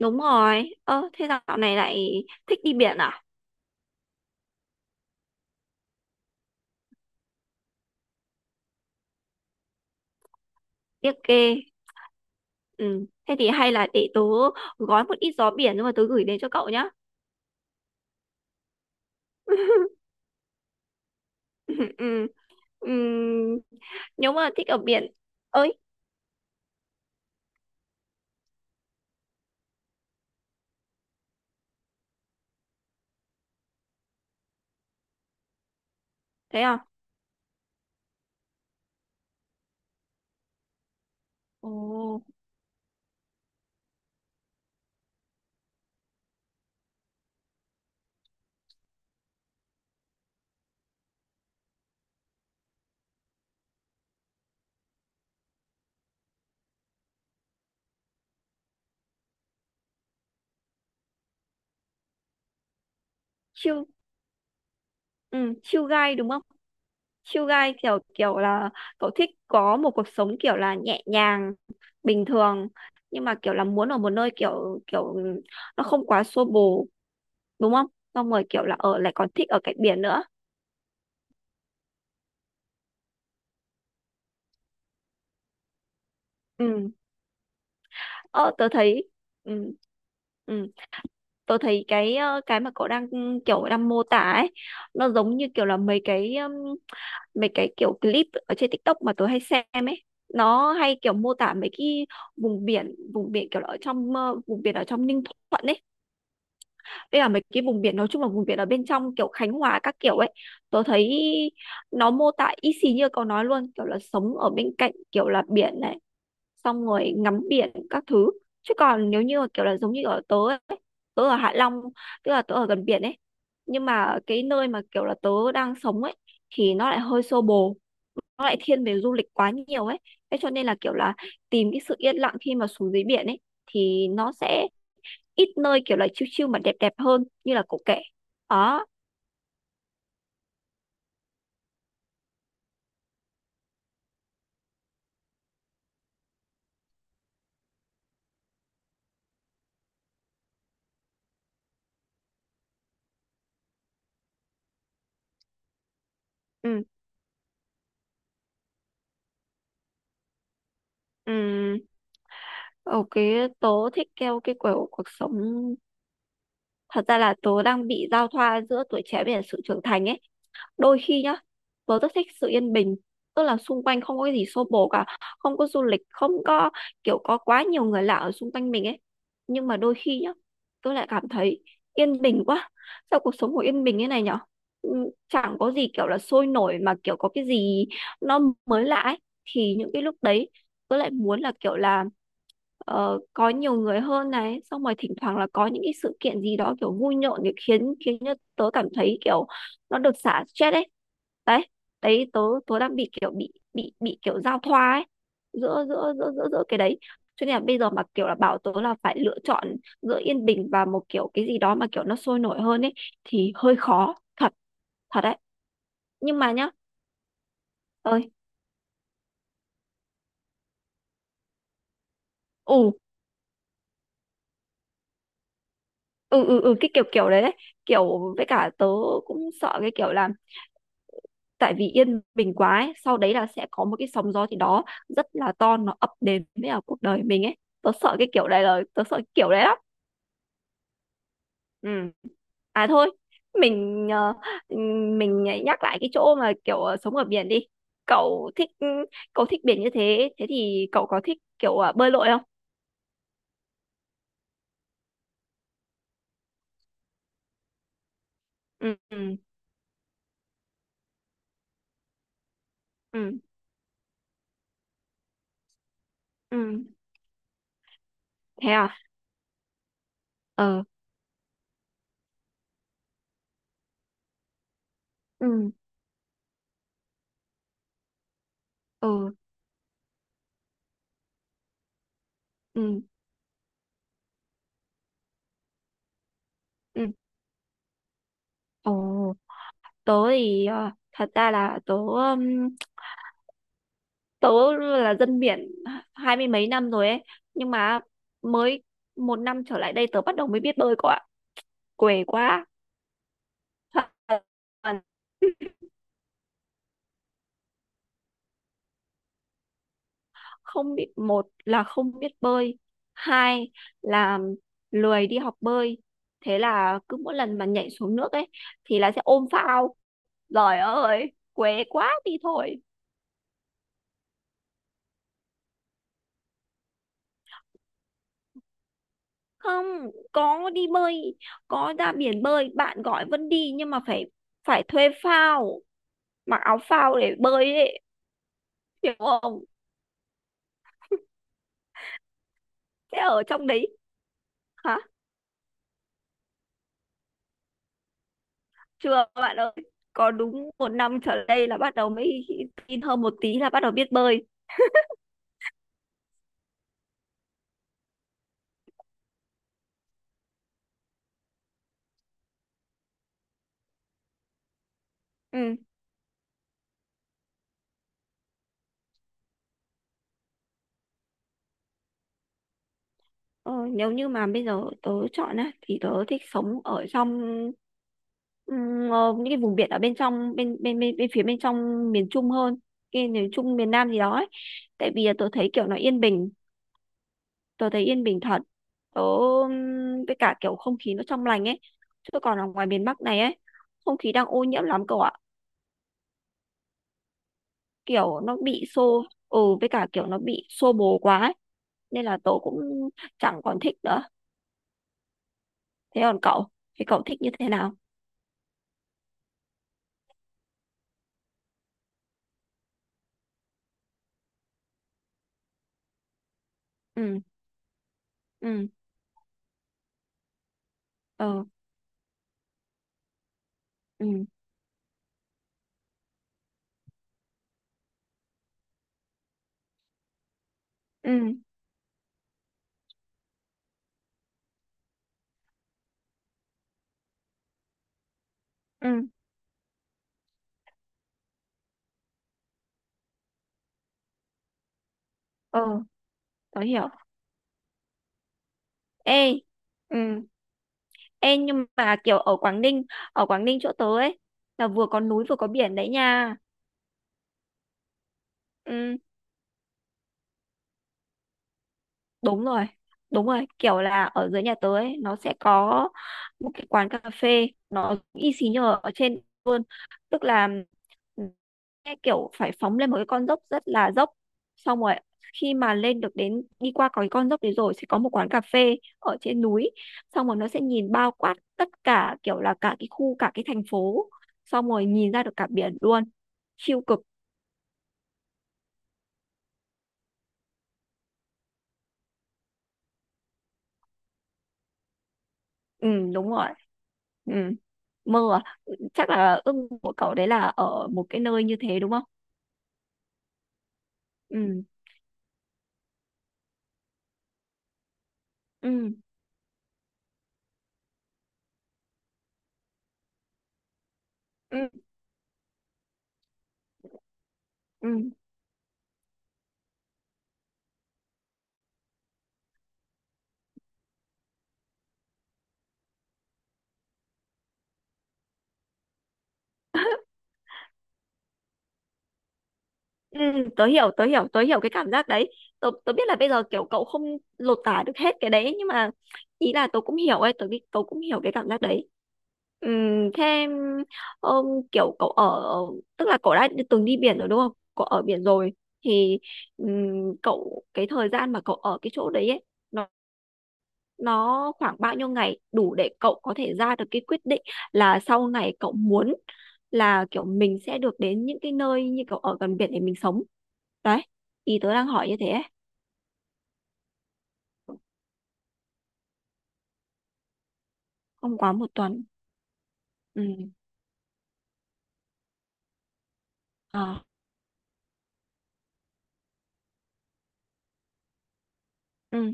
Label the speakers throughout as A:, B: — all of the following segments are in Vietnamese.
A: Đúng rồi. Ơ, thế dạo này lại thích đi biển à? Tiếc kê. Ừ. Thế thì hay là để tớ gói một ít gió biển nhưng mà tớ gửi đến cho cậu nhá. Ừ. Ừ. Ừ. Nếu mà thích ở biển. Ơi, thế à? Ồ, chill. Ừ, chill guy đúng không? Chill guy kiểu kiểu là cậu thích có một cuộc sống kiểu là nhẹ nhàng, bình thường, nhưng mà kiểu là muốn ở một nơi kiểu kiểu nó không quá xô bồ đúng không? Xong rồi kiểu là ở lại còn thích ở cạnh biển nữa. Ừ. Ờ, tớ thấy ừ, ừ, tớ thấy cái cái mà cậu đang kiểu đang mô tả ấy, nó giống như kiểu là mấy cái kiểu clip ở trên TikTok mà tớ hay xem ấy. Nó hay kiểu mô tả mấy cái vùng biển, vùng biển kiểu là ở trong vùng biển ở trong Ninh Thuận ấy, với cả mấy cái vùng biển nói chung là vùng biển ở bên trong kiểu Khánh Hòa các kiểu ấy. Tớ thấy nó mô tả y xì như cậu nói luôn, kiểu là sống ở bên cạnh kiểu là biển này, xong rồi ngắm biển các thứ. Chứ còn nếu như kiểu là giống như ở tớ ấy, tớ ở Hạ Long, tức là tớ ở gần biển ấy, nhưng mà cái nơi mà kiểu là tớ đang sống ấy thì nó lại hơi xô bồ, nó lại thiên về du lịch quá nhiều ấy, thế cho nên là kiểu là tìm cái sự yên lặng khi mà xuống dưới biển ấy thì nó sẽ ít nơi kiểu là chill chill mà đẹp đẹp hơn như là cậu kể đó. Ừ. Ừ. OK. Tớ thích theo cái kiểu cuộc sống, thật ra là tớ đang bị giao thoa giữa tuổi trẻ với cả sự trưởng thành ấy. Đôi khi nhá, tớ rất thích sự yên bình, tức là xung quanh không có cái gì xô bồ cả, không có du lịch, không có kiểu có quá nhiều người lạ ở xung quanh mình ấy. Nhưng mà đôi khi nhá, tớ lại cảm thấy yên bình quá. Sao cuộc sống của yên bình thế này nhở. Ừ, chẳng có gì kiểu là sôi nổi mà kiểu có cái gì nó mới lạ ấy, thì những cái lúc đấy tớ lại muốn là kiểu là có nhiều người hơn này, xong rồi thỉnh thoảng là có những cái sự kiện gì đó kiểu vui nhộn để khiến khiến cho tớ cảm thấy kiểu nó được xả stress ấy. Đấy. Đấy tớ tớ đang bị kiểu bị kiểu giao thoa ấy, giữa giữa giữa giữa giữa cái đấy, cho nên là bây giờ mà kiểu là bảo tớ là phải lựa chọn giữa yên bình và một kiểu cái gì đó mà kiểu nó sôi nổi hơn ấy thì hơi khó thật, thật đấy, nhưng mà nhá. Ơi. Ừ. Ừ. Ừ. Ừ, cái kiểu kiểu đấy, đấy kiểu, với cả tớ cũng sợ cái kiểu là tại vì yên bình quá ấy, sau đấy là sẽ có một cái sóng gió gì đó rất là to nó ập đến với cả cuộc đời mình ấy. Tớ sợ cái kiểu đấy, là tớ sợ cái kiểu đấy lắm. Ừ. À thôi, mình ừ, mình nhắc lại cái chỗ mà kiểu sống ở biển đi. Cậu thích, cậu thích biển như thế, thế thì cậu có thích kiểu bơi lội không? Ừ. Ừ. Ừ. Ừ. Thế à. Ờ. Ừ. Ừ. Ừ. Ừ. Ồ. Tớ thì thật ra là tớ tớ là dân biển hai mươi mấy năm rồi ấy, nhưng mà mới một năm trở lại đây tớ bắt đầu mới biết bơi cậu ạ. Què quá. Toàn không biết. Một là không biết bơi, hai là lười đi học bơi, thế là cứ mỗi lần mà nhảy xuống nước ấy thì là sẽ ôm phao. Giời ơi què quá đi thôi. Không, có đi bơi, có ra biển bơi bạn gọi vẫn đi, nhưng mà phải, phải thuê phao, mặc áo phao để bơi ấy, hiểu không? Sẽ ở trong đấy. Hả? Chưa bạn ơi, có đúng một năm trở lại đây là bắt đầu mới tin hơn một tí là bắt đầu biết bơi. Ừ. ờ, nếu như mà bây giờ tớ chọn á thì tớ thích sống ở trong ờ, những cái vùng biển ở bên trong, bên phía bên trong miền Trung hơn, cái miền Trung miền Nam gì đó ấy. Tại vì là tớ thấy kiểu nó yên bình, tớ thấy yên bình thật. Tớ với cả kiểu không khí nó trong lành ấy, chứ còn ở ngoài miền Bắc này ấy, không khí đang ô nhiễm lắm cậu ạ. Kiểu nó bị xô. Ừ, với cả kiểu nó bị xô bồ quá ấy, nên là tớ cũng chẳng còn thích nữa. Thế còn cậu? Thế cậu thích như thế nào? Ừ. Ừ. Ờ. Ừ. Ừ. Ừ. Ờ. Tớ hiểu. Ê. Ừ. Ê, nhưng mà kiểu ở Quảng Ninh, ở Quảng Ninh chỗ tớ ấy là vừa có núi vừa có biển đấy nha. Ừ. Đúng rồi, đúng rồi, kiểu là ở dưới nhà tớ ấy, nó sẽ có một cái quán cà phê nó y xì như ở trên luôn. Tức là cái kiểu phải phóng lên một cái con dốc rất là dốc. Xong rồi khi mà lên được đến, đi qua có cái con dốc đấy rồi, sẽ có một quán cà phê ở trên núi. Xong rồi nó sẽ nhìn bao quát tất cả, kiểu là cả cái khu, cả cái thành phố. Xong rồi nhìn ra được cả biển luôn. Siêu cực. Ừ đúng rồi. Ừ. Mơ à? Ừ, chắc là ước của cậu đấy là ở một cái nơi như thế đúng không? Ừ. Ừ. Ừ. Ừ. Ừ. Tớ hiểu, tớ hiểu, tớ hiểu cái cảm giác đấy. Tớ biết là bây giờ kiểu cậu không lột tả được hết cái đấy, nhưng mà ý là tớ cũng hiểu ấy. Tớ cũng hiểu cái cảm giác đấy. Ừ. Thế um, kiểu cậu ở, tức là cậu đã từng đi biển rồi đúng không? Cậu ở biển rồi thì cậu cái thời gian mà cậu ở cái chỗ đấy ấy nó nó khoảng bao nhiêu ngày đủ để cậu có thể ra được cái quyết định là sau này cậu muốn là kiểu mình sẽ được đến những cái nơi như kiểu ở gần biển để mình sống đấy, ý tớ đang hỏi như thế ấy. Không quá một tuần? Ừ. Ờ. Ừ.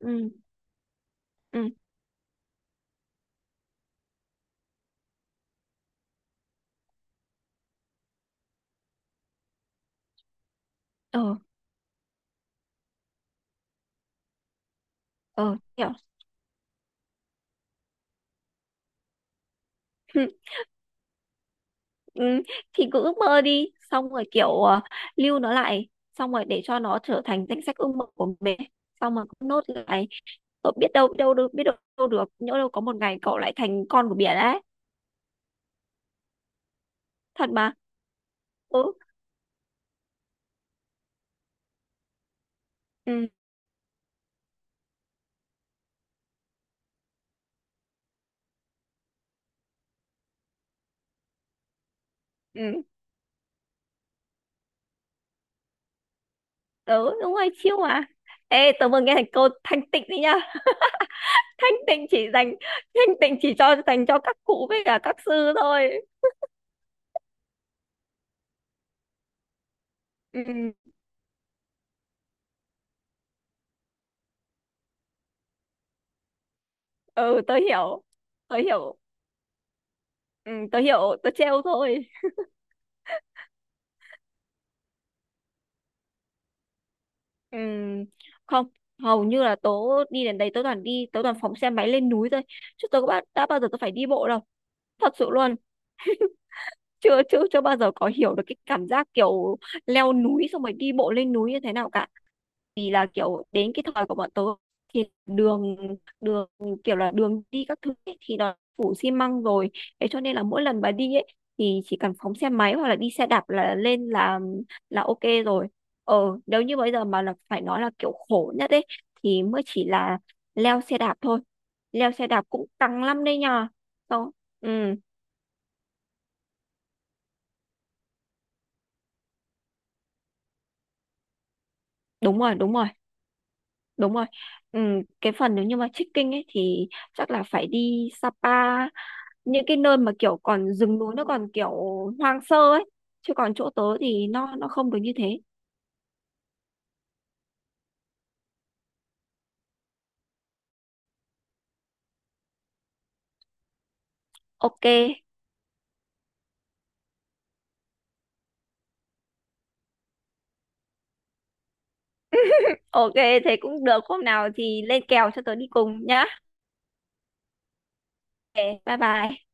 A: Ừ. Ừ. Ờ. Ờ. Kiểu. Ừ. Thì cứ ước mơ đi, xong rồi kiểu lưu nó lại, xong rồi để cho nó trở thành danh sách ước mơ của mình, xong rồi cứ nốt lại. Cậu biết đâu, biết đâu được, biết đâu được, nhỡ đâu có một ngày cậu lại thành con của biển ấy. Thật mà. Ừ. Ừ. Ừ. Ừ đúng rồi chiêu mà. Ê tớ vừa nghe thành cô thanh tịnh đấy nhá. Thanh tịnh chỉ dành, thanh tịnh chỉ cho dành cho các cụ với cả các sư thôi. Ừ. Ừ. Tớ hiểu, tớ hiểu. Ừ, tớ hiểu, tớ trêu thôi. Ừ. Không, hầu như là tớ đi đến đấy tớ toàn đi, tớ toàn phóng xe máy lên núi thôi, chứ tớ có đã bao giờ tớ phải đi bộ đâu. Thật sự luôn. Chưa chưa chưa bao giờ có hiểu được cái cảm giác kiểu leo núi, xong rồi đi bộ lên núi như thế nào cả. Vì là kiểu đến cái thời của bọn tớ thì đường đường kiểu là đường đi các thứ ấy, thì nó phủ xi măng rồi, thế cho nên là mỗi lần bà đi ấy thì chỉ cần phóng xe máy hoặc là đi xe đạp là lên, là OK rồi. Nếu như bây giờ mà là phải nói là kiểu khổ nhất ấy thì mới chỉ là leo xe đạp thôi. Leo xe đạp cũng căng lắm đấy nhờ. Không. Ừ đúng rồi, đúng rồi. Đúng rồi. Ừ, cái phần nếu như mà trekking ấy thì chắc là phải đi Sapa, những cái nơi mà kiểu còn rừng núi nó còn kiểu hoang sơ ấy, chứ còn chỗ tớ thì nó không được như thế. OK. OK thế cũng được, hôm nào thì lên kèo cho tớ đi cùng nhá. OK, bye bye.